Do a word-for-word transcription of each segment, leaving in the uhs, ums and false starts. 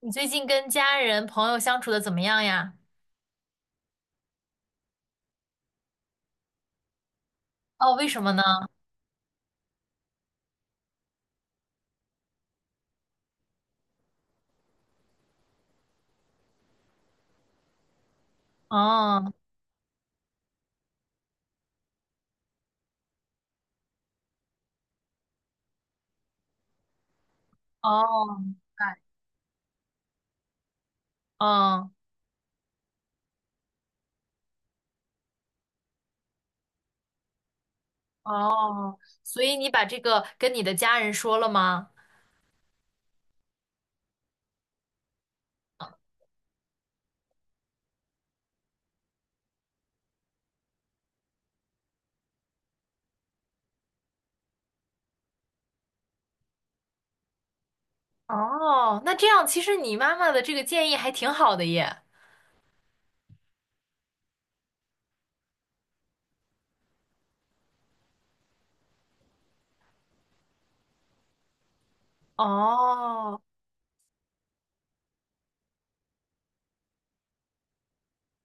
你最近跟家人朋友相处的怎么样呀？哦，为什么呢？哦哦，明哦哦，所以你把这个跟你的家人说了吗？哦，那这样其实你妈妈的这个建议还挺好的耶。哦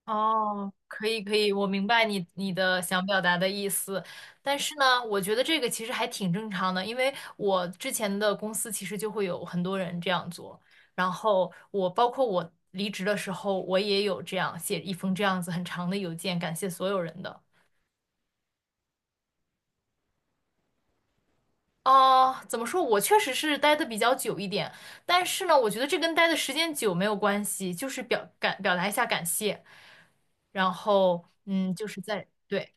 哦，可以可以，我明白你你的想表达的意思，但是呢，我觉得这个其实还挺正常的，因为我之前的公司其实就会有很多人这样做，然后我包括我离职的时候，我也有这样写一封这样子很长的邮件，感谢所有人的。哦，怎么说？我确实是待的比较久一点，但是呢，我觉得这跟待的时间久没有关系，就是表感表达一下感谢，然后嗯，就是在对，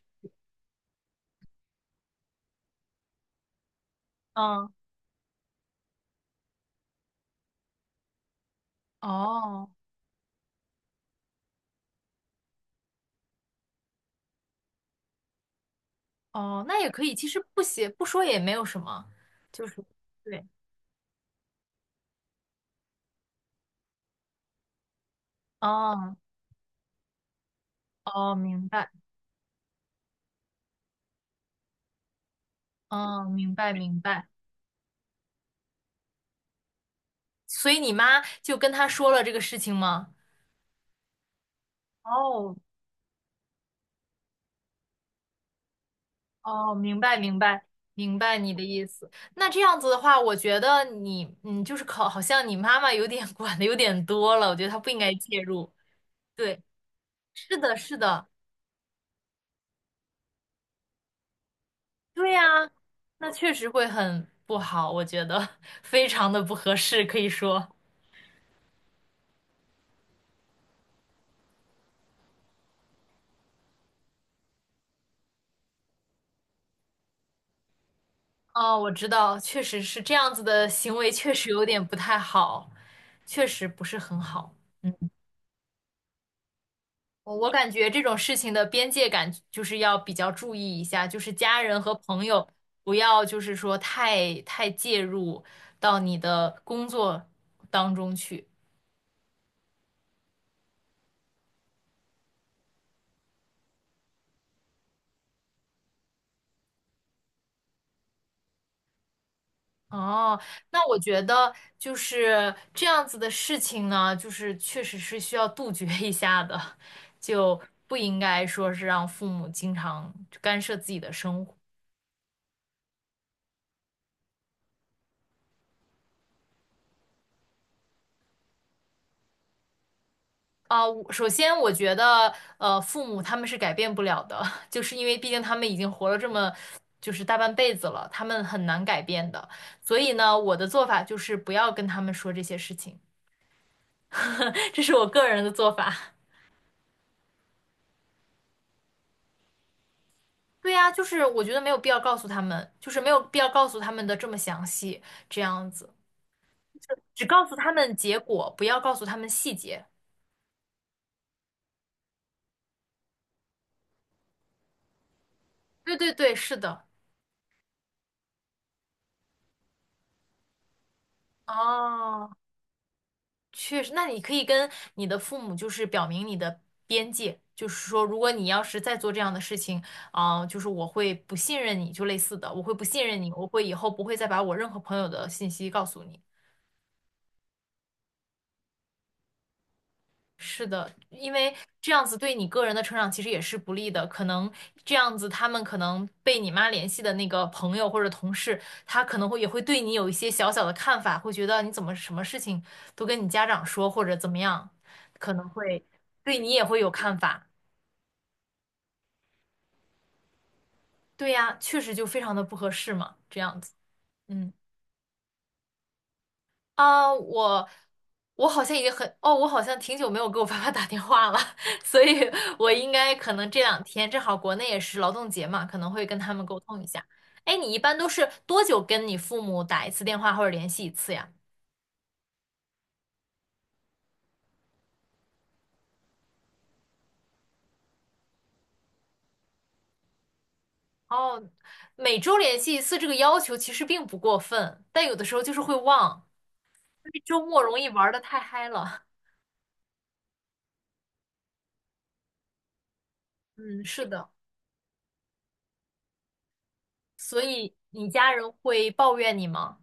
嗯，哦。哦，那也可以，其实不写不说也没有什么，就是对，哦哦，明白，哦，明白明白。所以你妈就跟他说了这个事情吗？哦哦，明白明白明白你的意思。那这样子的话，我觉得你嗯，就是考，好像你妈妈有点 管的有点多了，我觉得她不应该介入。对，是的，是的，对呀，那确实会很不好，我觉得 非常的不合适，可以说。哦，我知道，确实是这样子的行为，确实有点不太好，确实不是很好。嗯，我我感觉这种事情的边界感就是要比较注意一下，就是家人和朋友不要就是说太太介入到你的工作当中去。哦，那我觉得就是这样子的事情呢，就是确实是需要杜绝一下的，就不应该说是让父母经常干涉自己的生活。啊，我首先我觉得，呃，父母他们是改变不了的，就是因为毕竟他们已经活了这么，就是大半辈子了，他们很难改变的。所以呢，我的做法就是不要跟他们说这些事情，这是我个人的做法。对呀，就是我觉得没有必要告诉他们，就是没有必要告诉他们的这么详细，这样子，只告诉他们结果，不要告诉他们细节。对对对，是的。哦。确实，那你可以跟你的父母就是表明你的边界，就是说，如果你要是再做这样的事情，啊、就是我会不信任你，就类似的，我会不信任你，我会以后不会再把我任何朋友的信息告诉你。是的，因为这样子对你个人的成长其实也是不利的。可能这样子，他们可能被你妈联系的那个朋友或者同事，他可能会也会对你有一些小小的看法，会觉得你怎么什么事情都跟你家长说，或者怎么样，可能会对你也会有看法。对呀，确实就非常的不合适嘛，这样子。嗯。啊，我我好像已经很哦，我好像挺久没有给我爸爸打电话了，所以我应该可能这两天正好国内也是劳动节嘛，可能会跟他们沟通一下。哎，你一般都是多久跟你父母打一次电话或者联系一次呀？哦，每周联系一次这个要求其实并不过分，但有的时候就是会忘，因为周末容易玩的太嗨了。嗯，是的，所以你家人会抱怨你吗？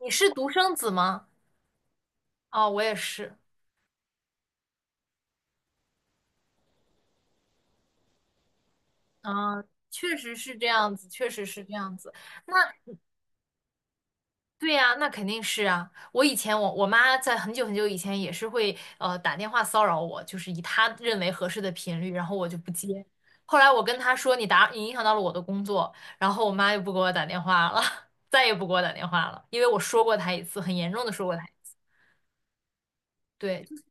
你是独生子吗？哦，我也是。嗯，确实是这样子，确实是这样子。那对呀，那肯定是啊。我以前我我妈在很久很久以前也是会呃打电话骚扰我，就是以她认为合适的频率，然后我就不接。后来我跟她说你打你影响到了我的工作，然后我妈就不给我打电话了，再也不给我打电话了，因为我说过她一次，很严重的说过她一次。对，就是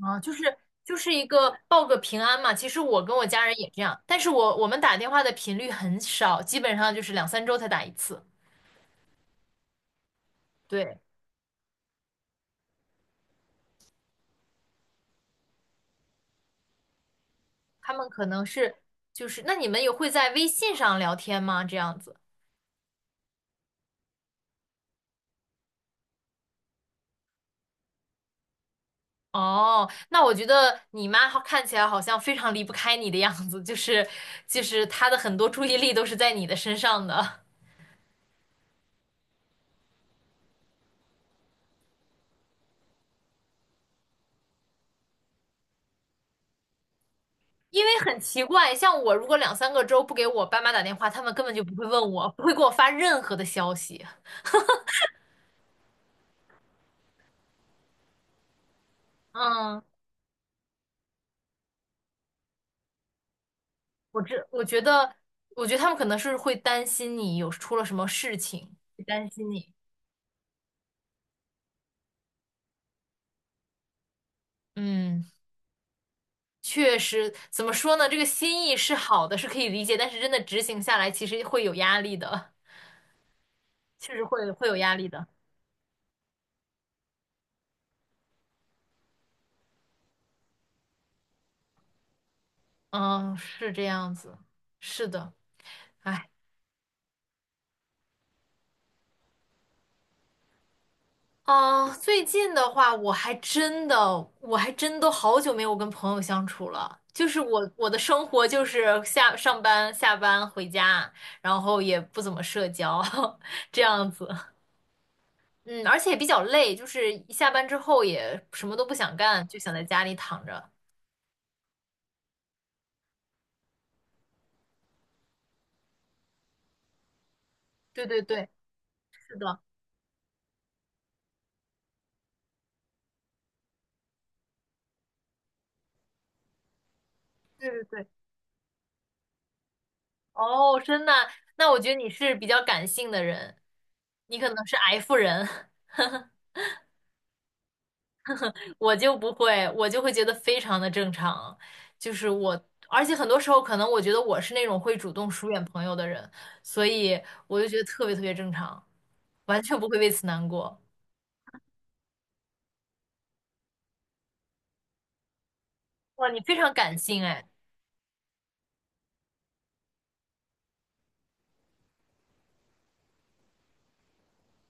啊，就是就是一个报个平安嘛。其实我跟我家人也这样，但是我我们打电话的频率很少，基本上就是两三周才打一次。对，他们可能是就是，那你们有会在微信上聊天吗？这样子？哦，那我觉得你妈好看起来好像非常离不开你的样子，就是就是她的很多注意力都是在你的身上的，因为很奇怪，像我如果两三个周不给我爸妈打电话，他们根本就不会问我，不会给我发任何的消息。嗯，我这我觉得，我觉得他们可能是会担心你有出了什么事情，会担心你。嗯。确实，怎么说呢？这个心意是好的，是可以理解，但是真的执行下来，其实会有压力的，确实会会有压力的。嗯，是这样子，是的，哎，嗯，最近的话，我还真的，我还真都好久没有跟朋友相处了。就是我我的生活就是下上班、下班回家，然后也不怎么社交，这样子。嗯，而且也比较累，就是一下班之后也什么都不想干，就想在家里躺着。对对对。是的，对对对，哦，真的，那我觉得你是比较感性的人，你可能是 F 人，我就不会，我就会觉得非常的正常，就是我，而且很多时候可能我觉得我是那种会主动疏远朋友的人，所以我就觉得特别特别正常，完全不会为此难过。哇，你非常感性哎，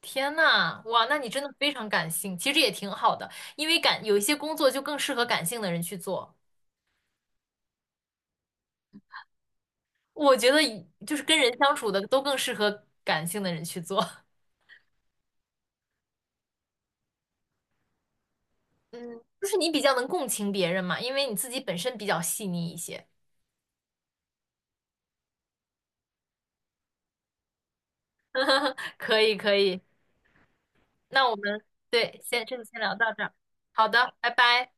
天呐，哇，那你真的非常感性，其实也挺好的，因为感有一些工作就更适合感性的人去做。我觉得以就是跟人相处的都更适合感性的人去做，嗯，就是你比较能共情别人嘛，因为你自己本身比较细腻一些。可以，可以，那我们对，先这次先聊到这儿，好的，拜拜。